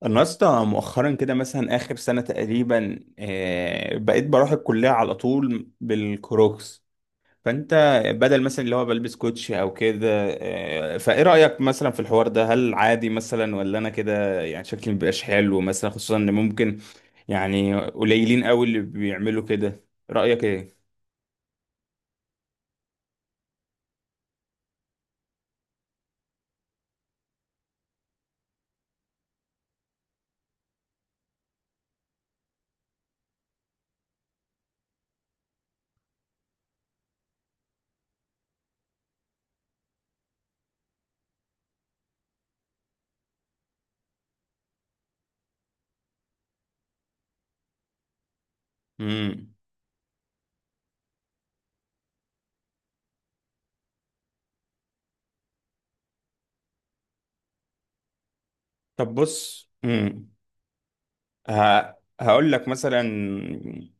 انا اصلا مؤخرا كده مثلا اخر سنه تقريبا بقيت بروح الكليه على طول بالكروكس. فانت بدل مثلا اللي هو بلبس كوتشي او كده. فايه رايك مثلا في الحوار ده؟ هل عادي مثلا ولا انا كده يعني شكلي مبيبقاش حلو مثلا، خصوصا ان ممكن يعني قليلين قوي اللي بيعملوا كده؟ رايك ايه؟ امم. طب بص، ه... هقول لك مثلا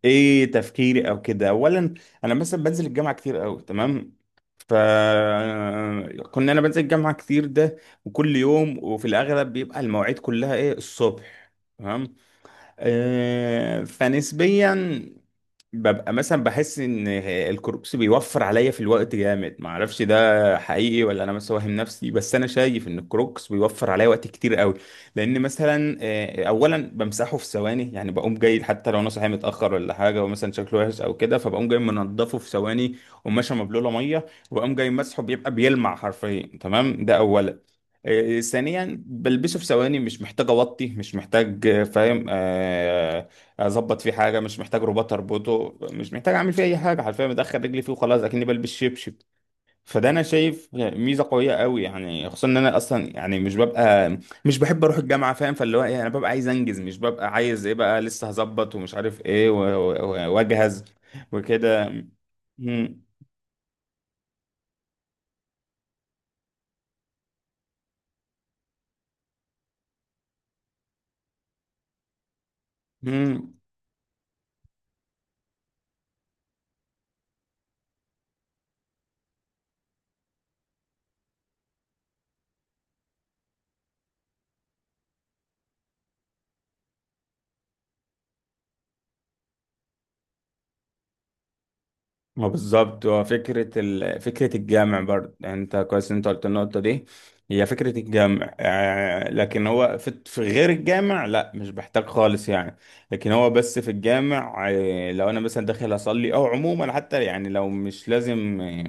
ايه تفكيري او كده. اولا، انا مثلا بنزل الجامعه كتير قوي، تمام؟ فكنا انا بنزل الجامعه كتير ده، وكل يوم، وفي الاغلب بيبقى المواعيد كلها ايه الصبح، تمام؟ فنسبيا ببقى مثلا بحس ان الكوربس بيوفر عليا في الوقت جامد. ما اعرفش ده حقيقي ولا انا بس واهم نفسي، بس انا شايف ان الكروكس بيوفر عليا وقت كتير قوي. لان مثلا اولا بمسحه في ثواني، يعني بقوم جاي حتى لو انا صاحي متاخر ولا حاجه ومثلا شكله وحش او كده، فبقوم جاي منضفه في ثواني، وماشي مبلوله ميه وبقوم جاي مسحه بيبقى بيلمع حرفيا، تمام؟ ده اولا. ثانيا بلبسه في ثواني، مش محتاج اوطي، مش محتاج، فاهم؟ اظبط فيه حاجه، مش محتاج رباط اربطه، مش محتاج اعمل فيه اي حاجه، حرفيا بدخل رجلي فيه وخلاص اكني بلبس شبشب. فده انا شايف ميزه قويه قوي، يعني خصوصا ان انا اصلا يعني مش ببقى مش بحب اروح الجامعه، فاهم؟ فاللي هو ايه انا ببقى عايز انجز، مش ببقى عايز ايه بقى لسه هظبط ومش عارف ايه واجهز وكده. مم. مم. ما بالظبط، هو فكرة فكرة الجمع برضه، يعني انت كويس إن انت قلت النقطة دي. هي فكرة الجمع، لكن هو في غير الجامع لا، مش بحتاج خالص يعني. لكن هو بس في الجامع، لو انا مثلا داخل اصلي او عموما حتى، يعني لو مش لازم،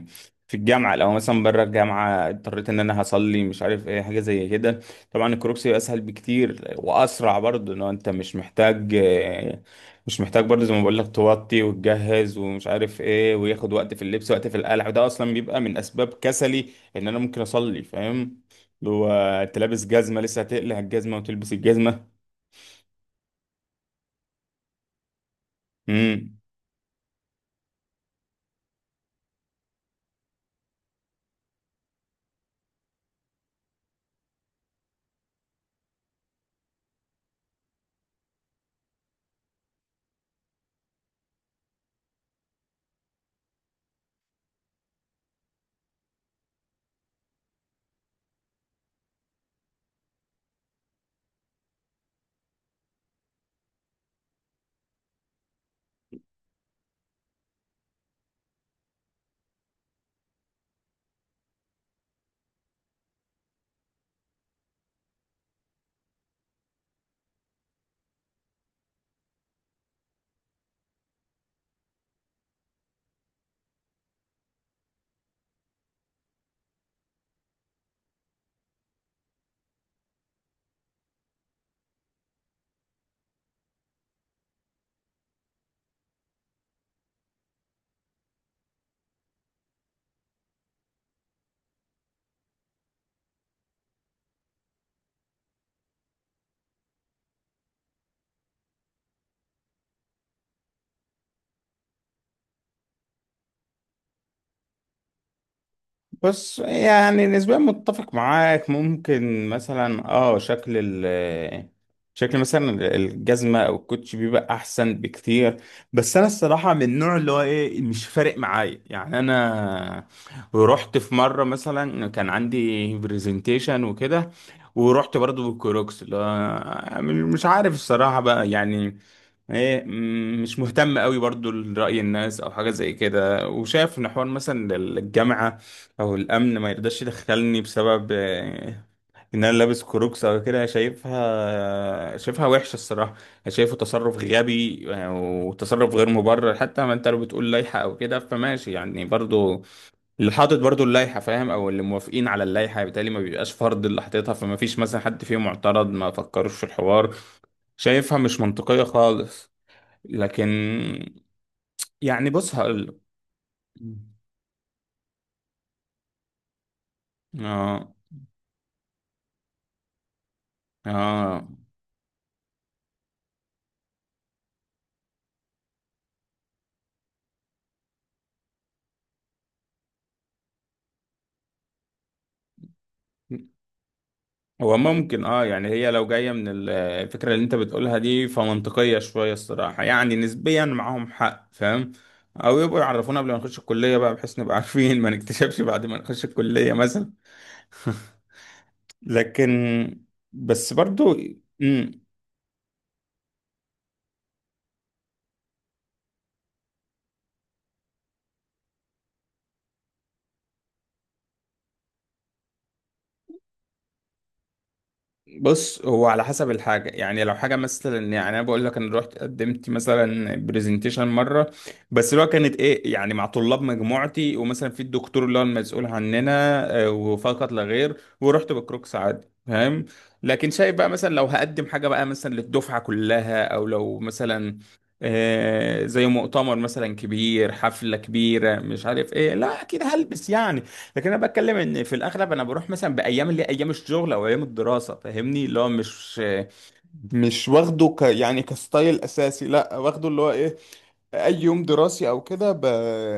في الجامعة، لو مثلا بره الجامعة اضطريت ان انا هصلي مش عارف ايه حاجة زي كده، طبعا الكروكسي اسهل بكتير واسرع برضه، ان هو انت مش محتاج، مش محتاج برضه زي ما بقول لك توطي وتجهز ومش عارف ايه، وياخد وقت في اللبس، وقت في القلع، وده اصلا بيبقى من اسباب كسلي ان انا ممكن اصلي، فاهم؟ اللي هو انت لابس جزمه، لسه هتقلع الجزمه وتلبس الجزمه. امم. بس يعني نسبيا متفق معاك، ممكن مثلا شكل، ال شكل مثلا الجزمة أو الكوتش بيبقى أحسن بكتير. بس أنا الصراحة من النوع اللي هو إيه مش فارق معايا، يعني أنا رحت في مرة مثلا كان عندي برزنتيشن وكده، ورحت برضو بالكروكس اللي هو مش عارف الصراحة بقى يعني ايه، مش مهتم قوي برضو لرأي الناس او حاجة زي كده، وشايف ان حوار مثلا الجامعة او الامن ما يرضاش يدخلني بسبب ان انا لابس كروكس او كده، شايفها وحشة الصراحة. شايفه تصرف غبي، وتصرف غير مبرر. حتى ما انت لو بتقول لائحة او كده فماشي يعني، برضو اللي حاطط برضو اللائحة فاهم، او اللي موافقين على اللائحة بالتالي ما بيبقاش فرض، اللي حاططها فما فيش مثلا حد فيهم معترض، ما فكروش في الحوار. شايفها مش منطقية خالص. لكن يعني بص هقول، اه اه هو ممكن يعني هي لو جاية من الفكرة اللي انت بتقولها دي فمنطقية شوية الصراحة، يعني نسبيا معاهم حق، فاهم؟ او يبقوا يعرفونا قبل ما نخش الكلية بقى بحيث نبقى عارفين، ما نكتشفش بعد ما نخش الكلية مثلا. لكن بس برضو. مم. بص هو على حسب الحاجة، يعني لو حاجة مثلا، يعني أنا بقول لك أنا رحت قدمت مثلا برزنتيشن مرة، بس اللي هو كانت إيه يعني مع طلاب مجموعتي ومثلا في الدكتور اللي هو المسؤول عننا، وفقط لا غير، ورحت بكروكس عادي، فاهم؟ لكن شايف بقى مثلا لو هقدم حاجة بقى مثلا للدفعة كلها، أو لو مثلا زي مؤتمر مثلا كبير، حفلة كبيرة مش عارف إيه، لا أكيد هلبس يعني. لكن انا بتكلم ان في الاغلب انا بروح مثلا بايام اللي هي ايام الشغل او ايام الدراسه، فاهمني؟ اللي هو مش واخده يعني كستايل اساسي، لا، واخده اللي هو ايه اي يوم دراسي او كده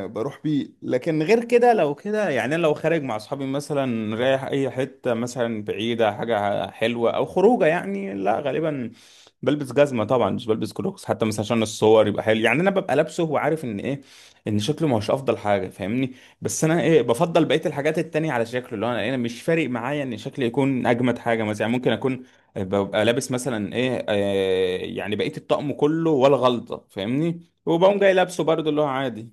بروح بيه. لكن غير كده، لو كده يعني أنا لو خارج مع اصحابي مثلا، رايح اي حته مثلا بعيده، حاجه حلوه او خروجه يعني، لا غالبا بلبس جزمه طبعا، مش بلبس كلوكس حتى مثلا عشان الصور يبقى حلو، يعني انا ببقى لابسه وعارف ان ايه ان شكله مش افضل حاجه، فاهمني؟ بس انا ايه بفضل بقيه الحاجات التانية على شكله، اللي هو انا مش فارق معايا ان شكلي يكون اجمد حاجه مثلا، يعني ممكن اكون ببقى لابس مثلا ايه يعني بقية الطقم كله ولا غلطة، فاهمني؟ وبقوم جاي لابسه برضه اللي هو عادي.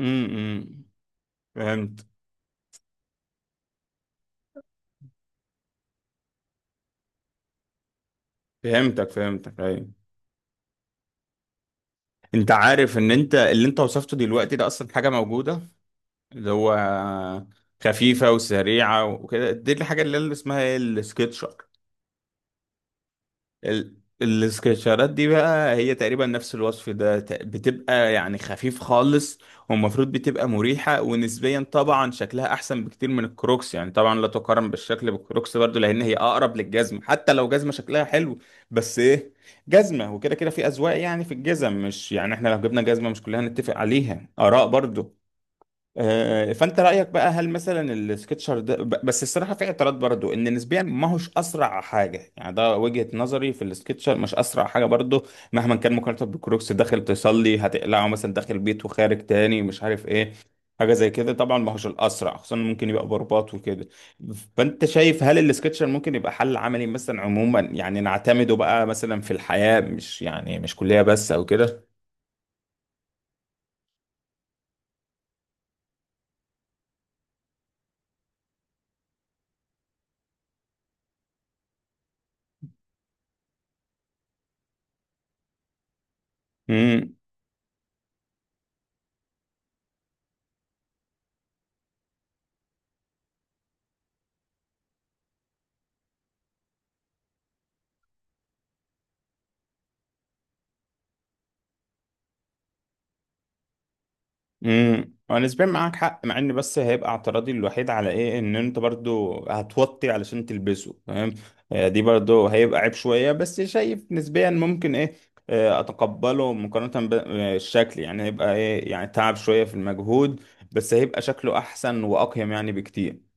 امم. فهمت. فهمتك فهمتك، ايوه. انت عارف ان انت اللي انت وصفته دلوقتي ده اصلا حاجة موجودة، اللي هو خفيفة وسريعة وكده، دي الحاجة اللي اسمها ايه السكتشر. ال... السكتشرات دي بقى هي تقريبا نفس الوصف ده، بتبقى يعني خفيف خالص، والمفروض بتبقى مريحة، ونسبيا طبعا شكلها احسن بكتير من الكروكس. يعني طبعا لا تقارن بالشكل بالكروكس برضو لان هي اقرب للجزمة، حتى لو جزمة شكلها حلو. بس ايه، جزمة وكده كده في اذواق، يعني في الجزم مش يعني احنا لو جبنا جزمة مش كلنا هنتفق عليها، اراء برضو. فانت رايك بقى هل مثلا السكتشر ده، بس الصراحه في اعتراض برضو، ان نسبيا ما هوش اسرع حاجه، يعني ده وجهه نظري في السكتشر مش اسرع حاجه برضو مهما كان، مقارنه بالكروكس. داخل تصلي هتقلعه مثلا، داخل بيت وخارج تاني مش عارف ايه حاجه زي كده، طبعا ما هوش الاسرع، خصوصا ممكن يبقى برباط وكده. فانت شايف هل السكتشر ممكن يبقى حل عملي مثلا عموما، يعني نعتمده بقى مثلا في الحياه، مش يعني مش كليه بس او كده؟ امم، هو نسبيا معاك حق، مع ان بس هيبقى اعتراضي الوحيد على ايه ان انت برضو هتوطي علشان تلبسه، فاهم؟ دي برضو هيبقى عيب شوية، بس شايف نسبيا ممكن ايه اتقبله مقارنة بالشكل. يعني هيبقى ايه يعني تعب شوية في المجهود، بس هيبقى شكله احسن واقيم يعني بكتير.